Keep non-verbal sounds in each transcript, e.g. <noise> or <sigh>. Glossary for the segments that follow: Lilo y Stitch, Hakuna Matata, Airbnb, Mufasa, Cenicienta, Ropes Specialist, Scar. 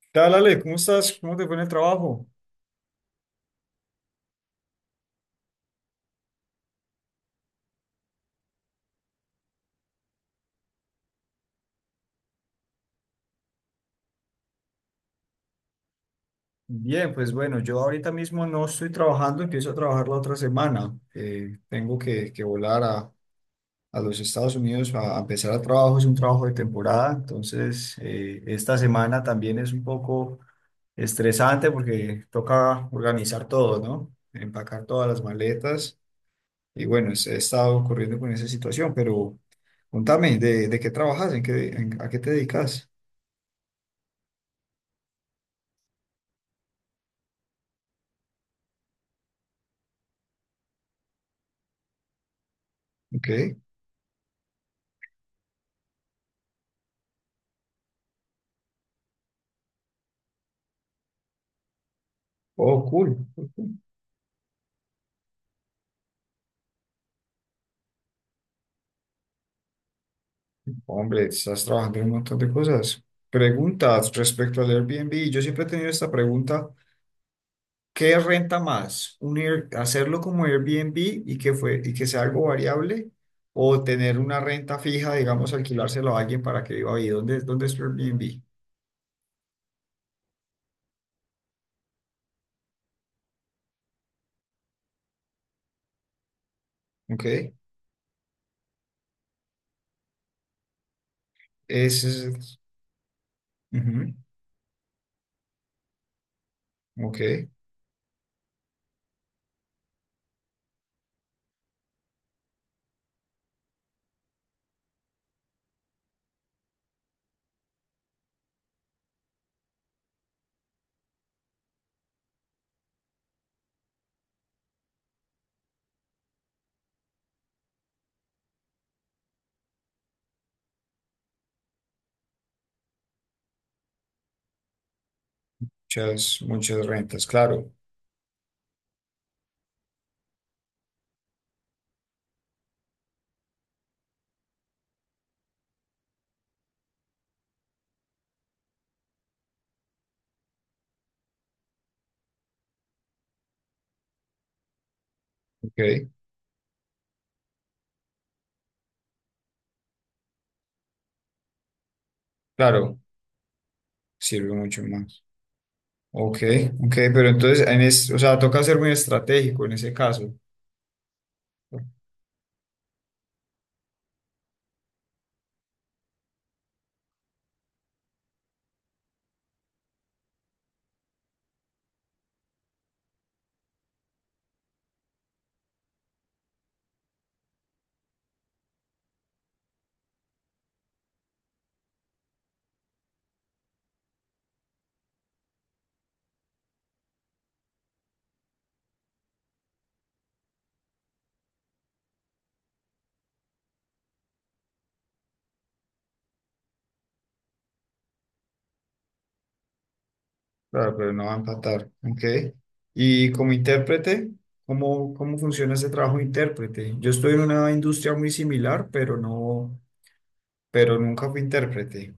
¿Qué tal, Ale? ¿Cómo estás? ¿Cómo te fue en el trabajo? Bien, pues bueno, yo ahorita mismo no estoy trabajando, empiezo a trabajar la otra semana. Tengo que volar a los Estados Unidos a empezar el trabajo. Es un trabajo de temporada, entonces esta semana también es un poco estresante porque toca organizar todo, ¿no? Empacar todas las maletas y bueno, he estado corriendo con esa situación. Pero contame, ¿de qué trabajas? ¿A qué te dedicas? Ok, oh, cool. Hombre, estás trabajando en un montón de cosas. Preguntas respecto al Airbnb. Yo siempre he tenido esta pregunta. ¿Qué renta más? Hacerlo como Airbnb y y que sea algo variable? ¿O tener una renta fija, digamos, alquilárselo a alguien para que viva ahí? ¿Dónde es tu Airbnb? Ok. Ese es, Ujú. Ok. Muchas, muchas rentas, claro. Ok. Claro, sirve mucho más. Ok, ok, pero entonces, o sea, toca ser muy estratégico en ese caso. Claro, pero no va a empatar. Ok. Y como intérprete, ¿cómo funciona ese trabajo de intérprete? Yo estoy en una industria muy similar, pero no, pero nunca fui intérprete.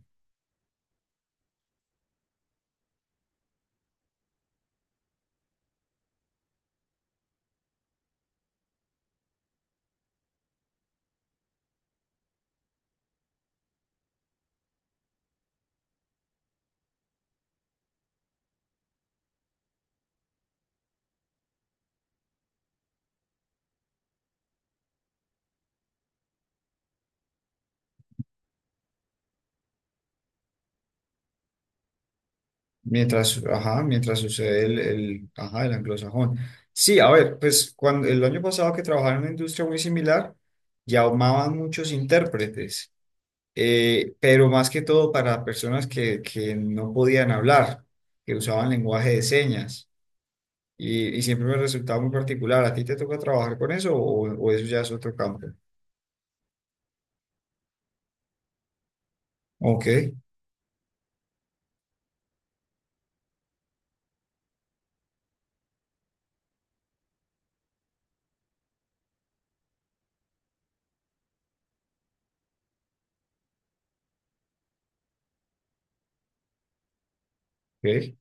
Mientras, ajá, mientras sucede ajá, el anglosajón. Sí, a ver, pues cuando el año pasado que trabajaba en una industria muy similar, llamaban muchos intérpretes, pero más que todo para personas que no podían hablar, que usaban lenguaje de señas. Y siempre me resultaba muy particular. ¿A ti te toca trabajar con eso o eso ya es otro campo? Ok, ok.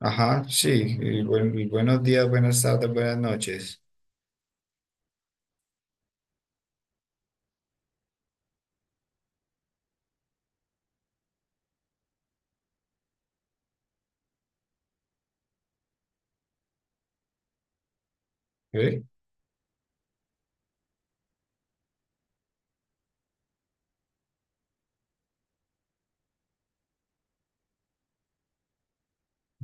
Ajá, sí. Y buenos días, buenas tardes, buenas noches. Ok.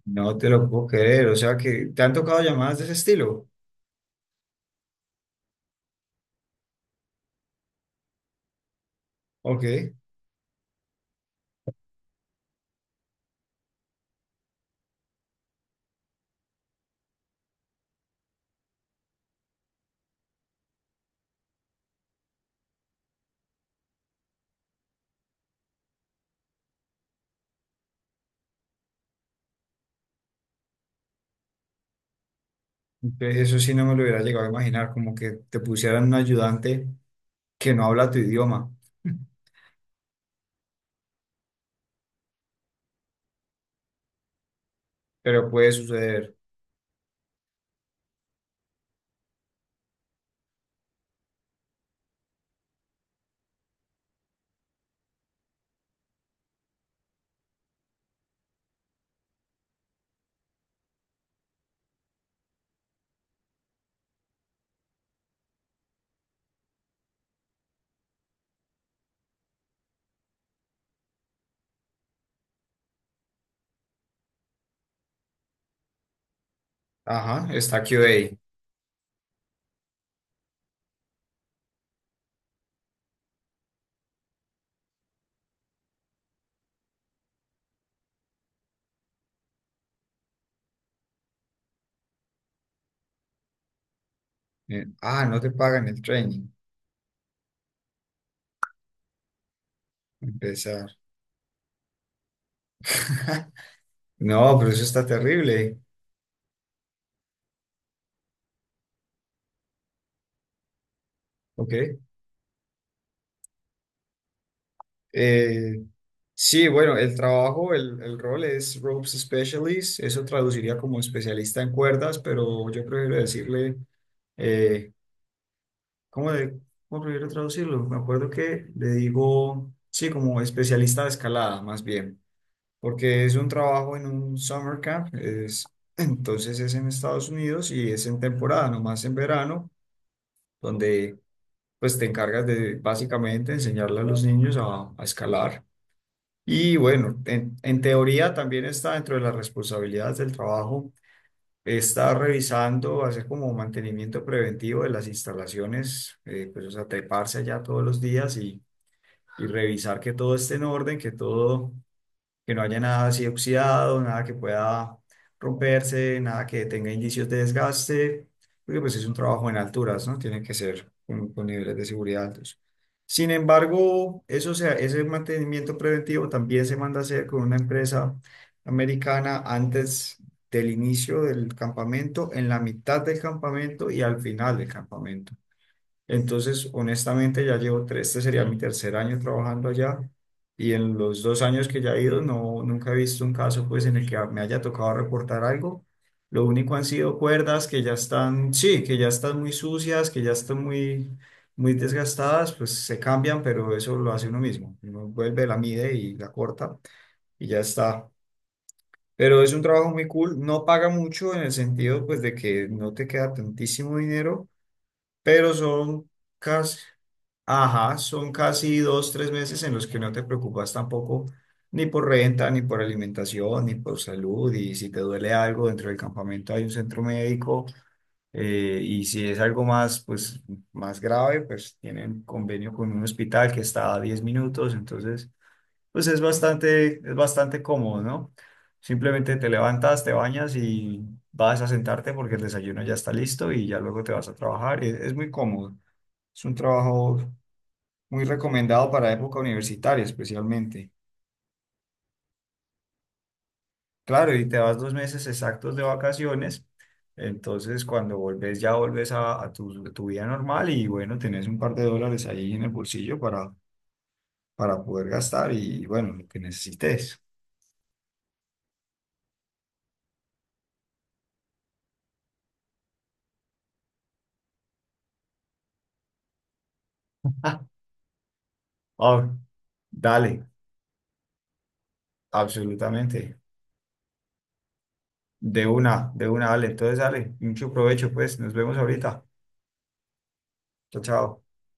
No te lo puedo creer. O sea que te han tocado llamadas de ese estilo. Ok, entonces eso sí no me lo hubiera llegado a imaginar, como que te pusieran un ayudante que no habla tu idioma. <laughs> Pero puede suceder. Ajá, está QA. Ah, no te pagan el training. Empezar. <laughs> No, pero eso está terrible. Ok. Eh, sí, bueno, el trabajo, el rol es Ropes Specialist. Eso traduciría como especialista en cuerdas, pero yo prefiero decirle, eh, ¿cómo, de- cómo prefiero traducirlo? Me acuerdo que le digo, sí, como especialista de escalada, más bien, porque es un trabajo en un summer camp. Es, <clears throat> entonces es en Estados Unidos y es en temporada, nomás en verano, donde pues te encargas de básicamente enseñarle a los niños a escalar. Y bueno, en teoría también está dentro de las responsabilidades del trabajo, está revisando, hacer como mantenimiento preventivo de las instalaciones, pues o sea, treparse allá todos los días revisar que todo esté en orden, que no haya nada así oxidado, nada que pueda romperse, nada que tenga indicios de desgaste, porque pues es un trabajo en alturas, ¿no? Tiene que ser con niveles de seguridad altos. Sin embargo, ese mantenimiento preventivo también se manda a hacer con una empresa americana antes del inicio del campamento, en la mitad del campamento y al final del campamento. Entonces, honestamente, este sería mi tercer año trabajando allá y en los 2 años que ya he ido, no, nunca he visto un caso pues en el que me haya tocado reportar algo. Lo único han sido cuerdas que ya están, sí, que ya están muy sucias, que ya están muy, muy desgastadas, pues se cambian, pero eso lo hace uno mismo. Uno vuelve, la mide y la corta y ya está. Pero es un trabajo muy cool, no paga mucho en el sentido pues de que no te queda tantísimo dinero, pero son casi, ajá, son casi dos, tres meses en los que no te preocupas tampoco ni por renta, ni por alimentación, ni por salud. Y si te duele algo dentro del campamento hay un centro médico, y si es algo más, pues, más grave, pues tienen convenio con un hospital que está a 10 minutos. Entonces, pues es bastante cómodo, ¿no? Simplemente te levantas, te bañas y vas a sentarte porque el desayuno ya está listo y ya luego te vas a trabajar. Es muy cómodo. Es un trabajo muy recomendado para época universitaria, especialmente. Claro, y te vas 2 meses exactos de vacaciones, entonces cuando volvés ya volvés a tu vida normal y bueno, tenés un par de dólares ahí en el bolsillo para poder gastar y bueno, lo que necesites. <laughs> Ah, ah, dale, absolutamente. De una, dale. Entonces, dale, mucho provecho, pues. Nos vemos ahorita. Chao, chao.